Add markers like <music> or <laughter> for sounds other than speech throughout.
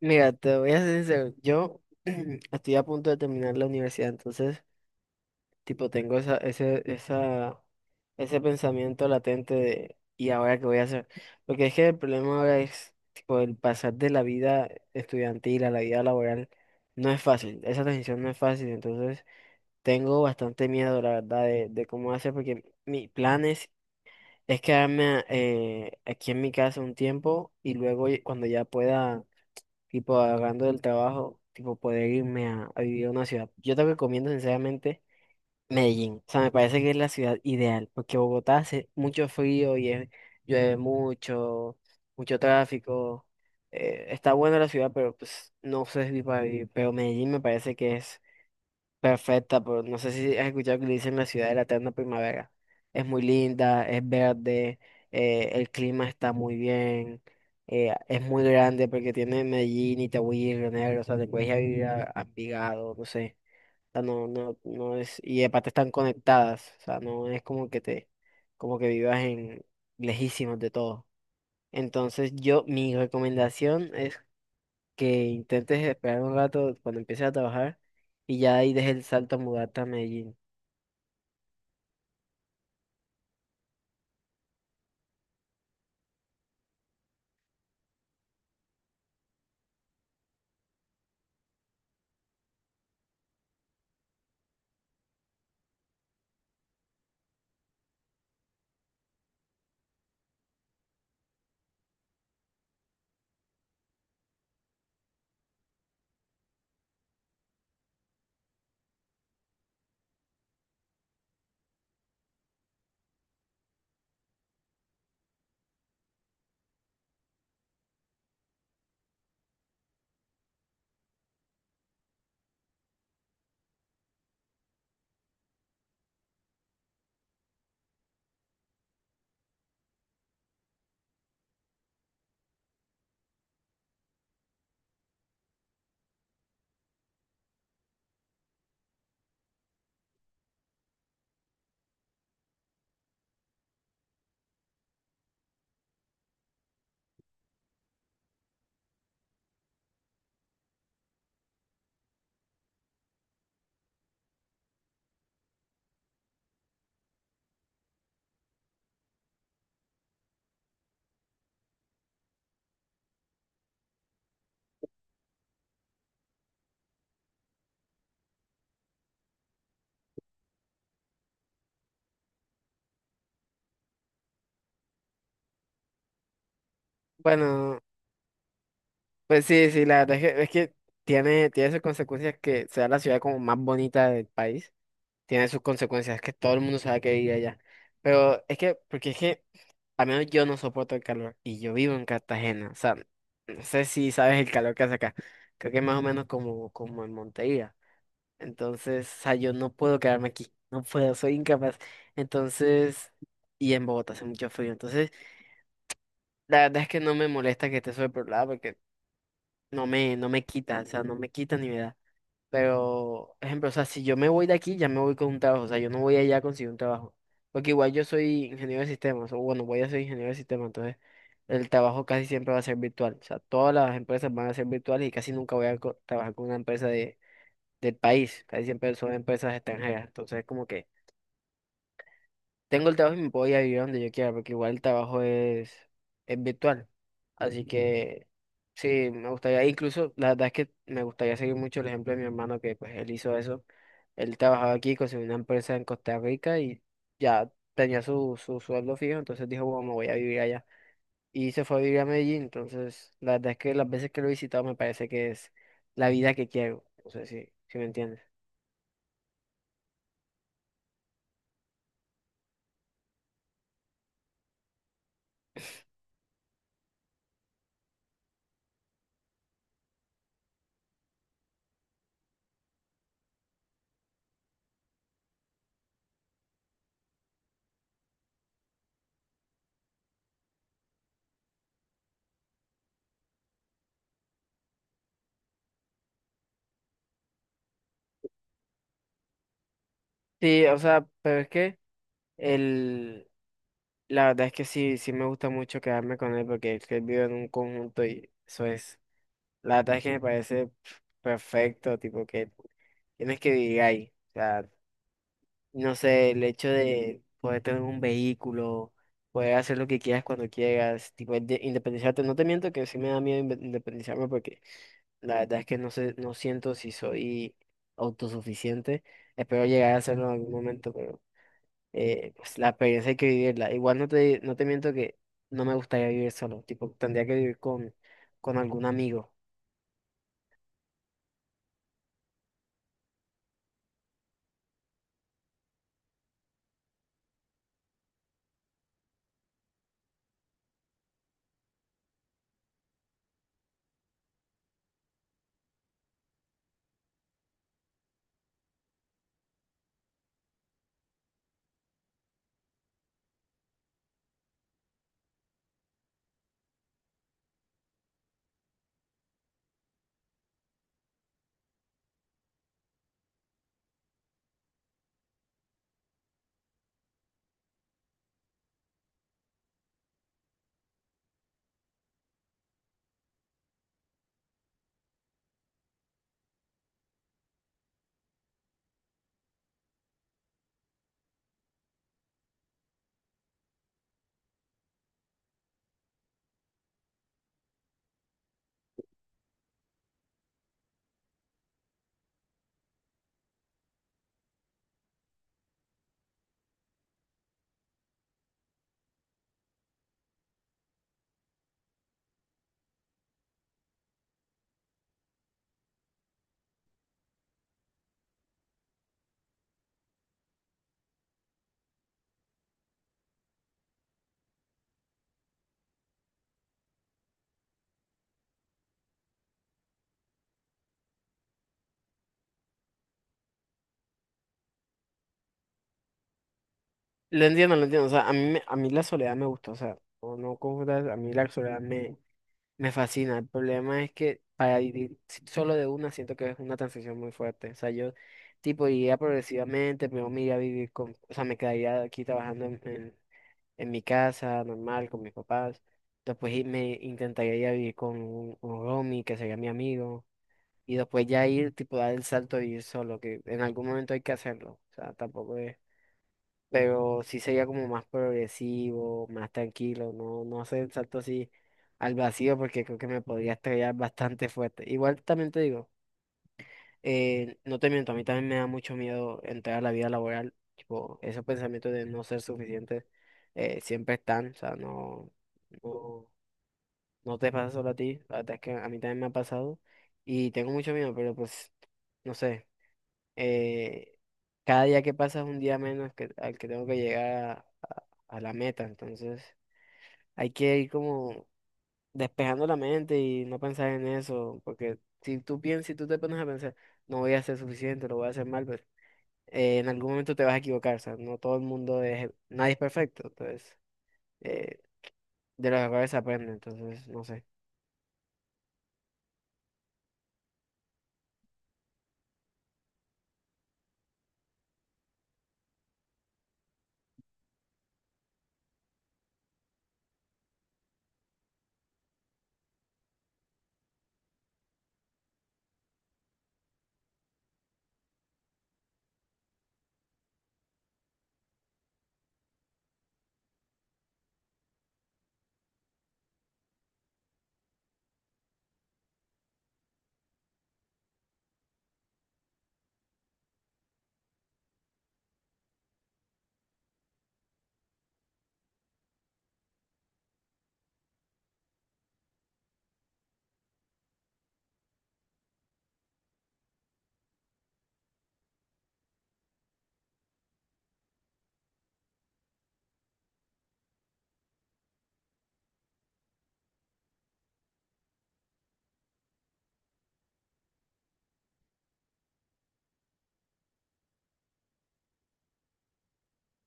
Mira, te voy a ser sincero, yo <clears throat> estoy a punto de terminar la universidad, entonces, tipo, tengo ese pensamiento latente de, ¿y ahora qué voy a hacer? Porque es que el problema ahora es, tipo, el pasar de la vida estudiantil a la vida laboral no es fácil, esa transición no es fácil, entonces tengo bastante miedo, la verdad, de cómo hacer, porque mi plan es quedarme aquí en mi casa un tiempo y luego cuando ya pueda tipo agarrando del trabajo, tipo poder irme a vivir a una ciudad. Yo te recomiendo sinceramente Medellín. O sea, me parece que es la ciudad ideal, porque Bogotá hace mucho frío y llueve mucho, mucho tráfico. Está buena la ciudad, pero pues no sé si para vivir. Pero Medellín me parece que es perfecta, pero no sé si has escuchado que le dicen la ciudad de la eterna primavera. Es muy linda, es verde, el clima está muy bien, es muy grande porque tiene Medellín, Itagüí, Río Negro, o sea, te puedes ir a vivir a Envigado, no sé. O sea, no es, y aparte están conectadas, o sea, no es como que te, como que vivas en lejísimos de todo. Entonces yo, mi recomendación es que intentes esperar un rato cuando empieces a trabajar y ya ahí dejes el salto a mudarte a Medellín. Bueno, pues sí, sí, la verdad es es que tiene sus consecuencias que sea la ciudad como más bonita del país. Tiene sus consecuencias, que todo el mundo sabe que vive allá. Pero es que, porque es que, al menos yo no soporto el calor y yo vivo en Cartagena. O sea, no sé si sabes el calor que hace acá. Creo que es más o menos como en Montería. Entonces, o sea, yo no puedo quedarme aquí, no puedo, soy incapaz. Entonces, y en Bogotá hace mucho frío. Entonces, la verdad es que no me molesta que esté sobre porque no me quita, o sea, no me quita ni me da. Pero, ejemplo, o sea, si yo me voy de aquí, ya me voy con un trabajo, o sea, yo no voy allá a conseguir un trabajo. Porque igual yo soy ingeniero de sistemas, o bueno, voy a ser ingeniero de sistemas, entonces el trabajo casi siempre va a ser virtual. O sea, todas las empresas van a ser virtuales y casi nunca voy a trabajar con una empresa del país. Casi siempre son empresas extranjeras. Entonces, como que tengo el trabajo y me puedo ir a vivir donde yo quiera, porque igual el trabajo es virtual. Así que sí, me gustaría, e incluso la verdad es que me gustaría seguir mucho el ejemplo de mi hermano, que pues él hizo eso. Él trabajaba aquí, consiguió una empresa en Costa Rica y ya tenía su sueldo fijo, entonces dijo, bueno, me voy a vivir allá. Y se fue a vivir a Medellín, entonces la verdad es que las veces que lo he visitado me parece que es la vida que quiero. No sé si me entiendes. Sí, o sea, pero es que el, la verdad es que sí, sí me gusta mucho quedarme con él porque es que él vive en un conjunto y eso es, la verdad es que me parece perfecto, tipo que tienes que vivir ahí. O sea, no sé, el hecho de poder tener un vehículo, poder hacer lo que quieras cuando quieras, tipo de independizarte, no te miento que sí me da miedo independizarme porque la verdad es que no sé, no siento si soy autosuficiente. Espero llegar a hacerlo en algún momento, pues la experiencia hay que vivirla. Igual no te miento que no me gustaría vivir solo, tipo, tendría que vivir con algún amigo. Lo entiendo, o sea, a mí, a mí la soledad me gusta, o sea, o no confundas, a mí la soledad me fascina. El problema es que para vivir solo de una siento que es una transición muy fuerte, o sea, yo, tipo, iría progresivamente, primero me iría a vivir con, o sea, me quedaría aquí trabajando en mi casa, normal, con mis papás. Después me intentaría ir a vivir con un roomie que sería mi amigo. Y después ya ir, tipo, dar el salto de vivir solo, que en algún momento hay que hacerlo. O sea, tampoco es. Pero sí sería como más progresivo, más tranquilo, no hacer el salto así al vacío porque creo que me podría estrellar bastante fuerte. Igual también te digo. No te miento, a mí también me da mucho miedo entrar a la vida laboral. Tipo, esos pensamientos de no ser suficiente siempre están. O sea, no, no te pasa solo a ti. La verdad es que a mí también me ha pasado. Y tengo mucho miedo, pero pues, no sé. Eh, cada día que pasa es un día menos al que tengo que llegar a- a la meta. Entonces, hay que ir como despejando la mente y no pensar en eso. Porque si tú piensas, si tú te pones a pensar, no voy a ser suficiente, lo voy a hacer mal, pues en algún momento te vas a equivocar, o sea, no todo el mundo es, nadie es perfecto, entonces, eh, de los errores se aprende, entonces, no sé.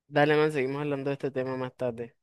Dale, man, seguimos hablando de este tema más tarde.